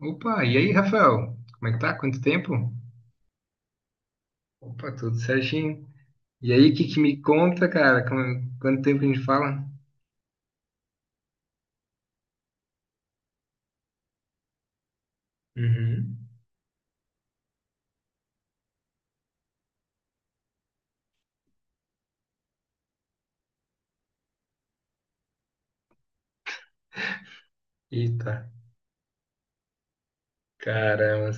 Opa, e aí, Rafael? Como é que tá? Quanto tempo? Opa, tudo certinho. E aí, o que que me conta, cara? Quanto tempo a gente fala? Uhum. Eita, caramba.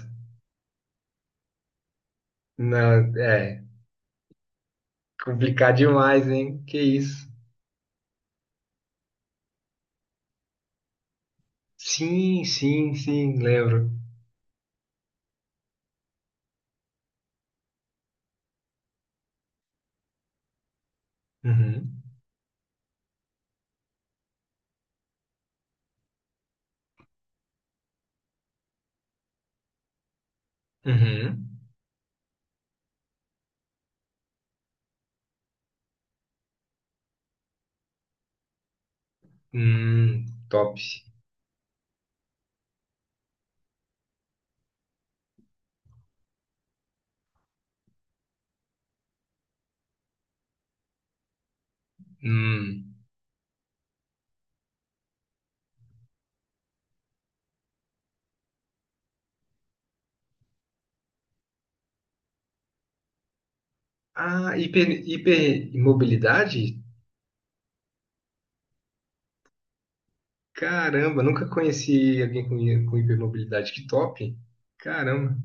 Não, é complicado demais, hein? Que isso? Sim, sim, sim, lembro. Uhum. Uhum. Top. Hum. Ah, hipermobilidade? Caramba, nunca conheci alguém com, com hipermobilidade. Que top. Caramba.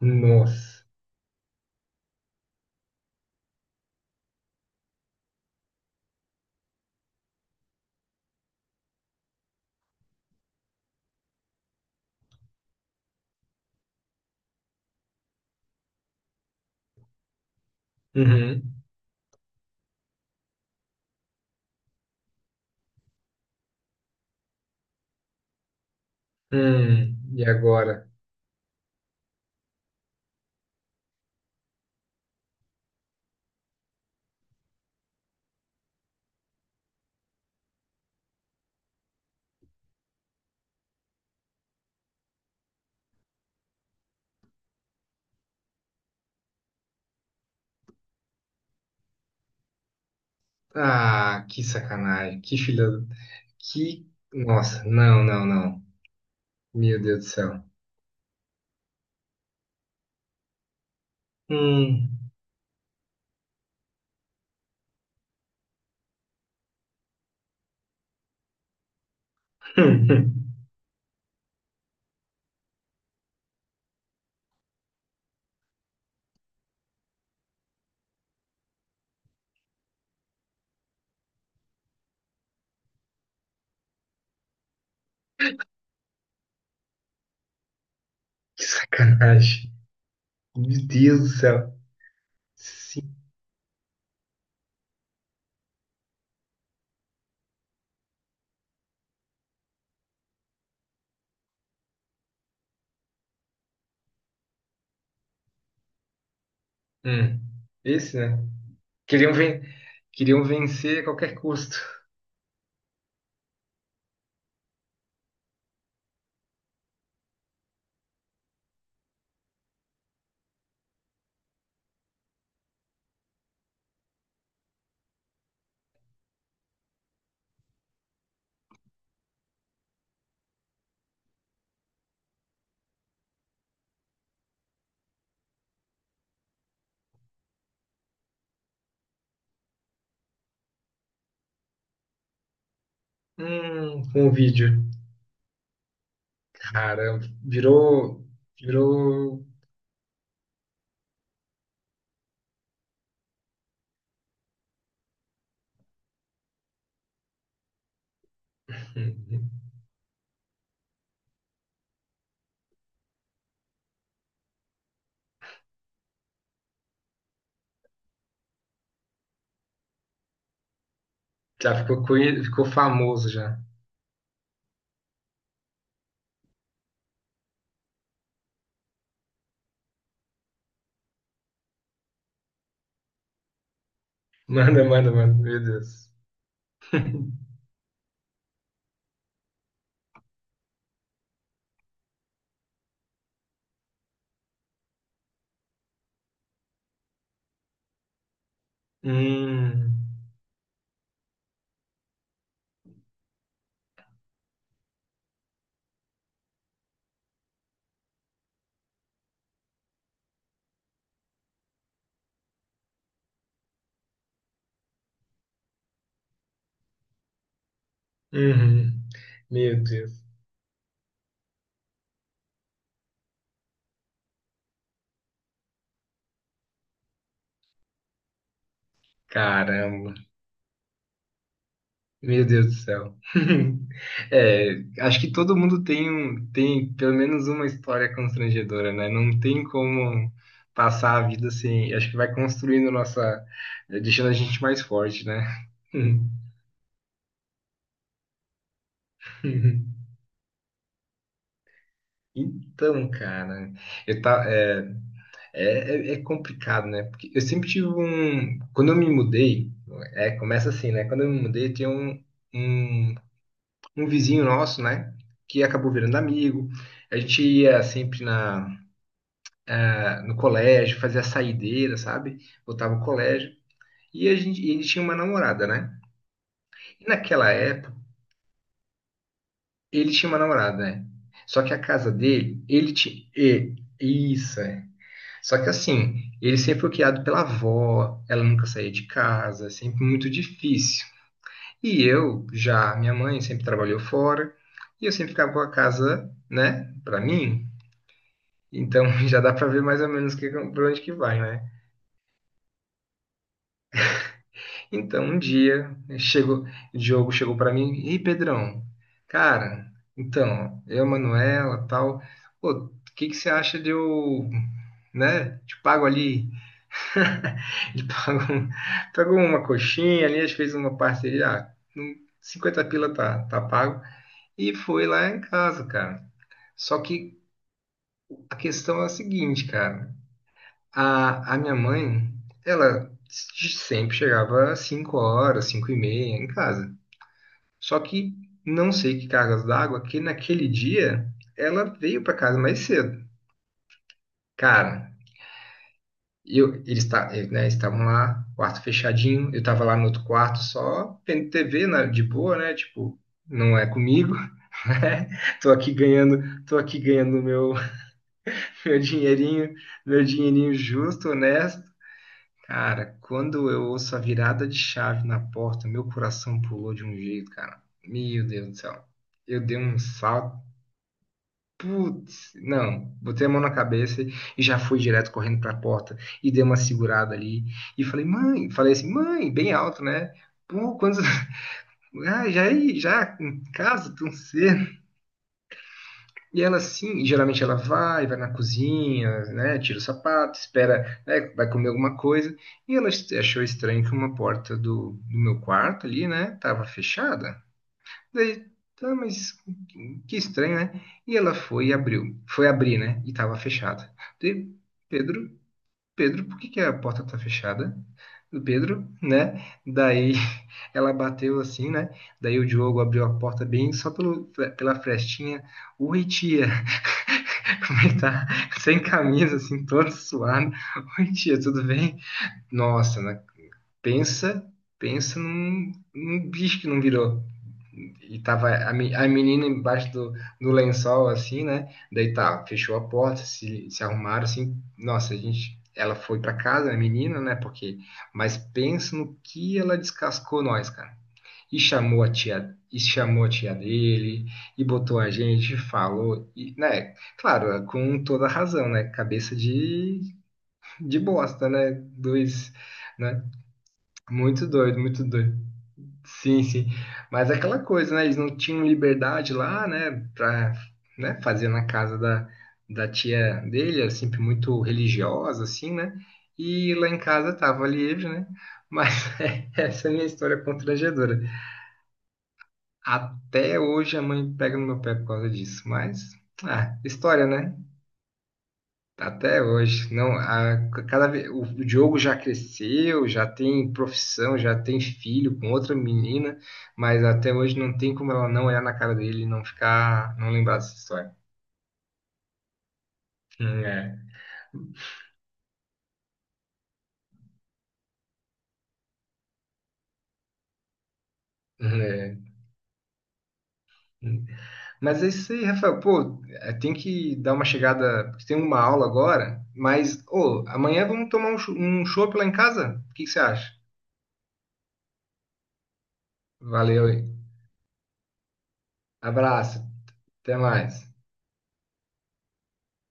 Nossa. Uhum. E agora? Ah, que sacanagem. Que filha. Que. Nossa, não, não, não. Meu Deus do céu. Hum. Que sacanagem. Meu Deus do céu. Sim. Hum. Esse, né? Queriam, ven... Queriam vencer a qualquer custo. Com o vídeo. Caramba, virou. Virou. Já ficou, ficou famoso já. Manda, manda, manda. Meu Deus. Hum, uhum. Meu Deus. Caramba. Meu Deus do céu. É, acho que todo mundo tem, tem pelo menos uma história constrangedora, né? Não tem como passar a vida sem. Acho que vai construindo nossa. Deixando a gente mais forte, né? Então, cara, eu tá, é, é, é é complicado, né? Porque eu sempre tive um. Quando eu me mudei, é, começa assim, né? Quando eu me mudei, tinha um um vizinho nosso, né? Que acabou virando amigo. A gente ia sempre no colégio, fazia saideira, sabe? Voltava ao colégio. E a gente, e ele tinha uma namorada, né? E naquela época, ele tinha uma namorada, né? Só que a casa dele, ele tinha. Isso, é. Só que assim, ele sempre foi criado pela avó, ela nunca saía de casa, sempre muito difícil. E eu, já, minha mãe sempre trabalhou fora, e eu sempre ficava com a casa, né, pra mim. Então, já dá para ver mais ou menos que, para onde que vai, né? Então um dia chegou, Diogo chegou para mim, e Pedrão, cara, então eu, Manuela, tal, pô, o que que você acha de eu, né? Te pago ali. Ele pagou, um, pagou uma coxinha ali, a gente fez uma parceria, ah, 50 pila tá, tá pago e foi lá em casa, cara. Só que a questão é a seguinte, cara. A minha mãe, ela sempre chegava às 5 horas, 5 e meia em casa. Só que não sei que cargas d'água, que naquele dia ela veio para casa mais cedo. Cara, eu, né, estavam lá, quarto fechadinho, eu tava lá no outro quarto só vendo TV de boa, né? Tipo, não é comigo. Tô aqui ganhando, tô aqui ganhando meu, meu dinheirinho, meu dinheirinho justo, honesto. Cara, quando eu ouço a virada de chave na porta, meu coração pulou de um jeito, cara. Meu Deus do céu. Eu dei um salto. Putz, não. Botei a mão na cabeça e já fui direto correndo pra porta e dei uma segurada ali e falei: "Mãe", falei assim: "Mãe", bem alto, né? Pô, quando ah, já é aí, já em casa, tão cedo. E ela sim, e geralmente ela vai, vai na cozinha, né, tira o sapato, espera, né, vai comer alguma coisa. E ela achou estranho que uma porta do meu quarto ali, né, tava fechada. Daí, tá, mas que estranho, né? E ela foi e abriu, foi abrir, né, e tava fechada. Daí, Pedro, Pedro, por que que a porta tá fechada? Do Pedro, né? Daí ela bateu assim, né? Daí o Diogo abriu a porta bem só pelo, pela frestinha. Oi, tia. Como ele tá sem camisa, assim, todo suado. Oi, tia, tudo bem? Nossa, né? Pensa, pensa num bicho que não virou. E tava a menina embaixo do lençol, assim, né? Daí tá, fechou a porta, se arrumaram, assim. Nossa, a gente, ela foi pra casa, a menina, né? Porque, mas pensa no que ela descascou nós, cara. E chamou a tia, e botou a gente, falou, e, né? Claro, com toda a razão, né? Cabeça de bosta, né? Dois, né? Muito doido, muito doido. Sim, sim. Mas aquela coisa, né? Eles não tinham liberdade lá, né? Pra, né? Fazer na casa da, da tia dele, era sempre muito religiosa, assim, né? E lá em casa tava livre, né? Mas essa é a minha história constrangedora. Até hoje a mãe pega no meu pé por causa disso, mas ah, história, né? Até hoje, não, a, cada vez o Diogo já cresceu, já tem profissão, já tem filho com outra menina, mas até hoje não tem como ela não olhar na cara dele e não ficar, não lembrar dessa história. É, é. Mas é isso aí, Rafael. Pô, é, tem que dar uma chegada, porque tem uma aula agora, mas ô, amanhã vamos tomar um, um chopp lá em casa? O que que você acha? Valeu aí. Abraço. Até mais.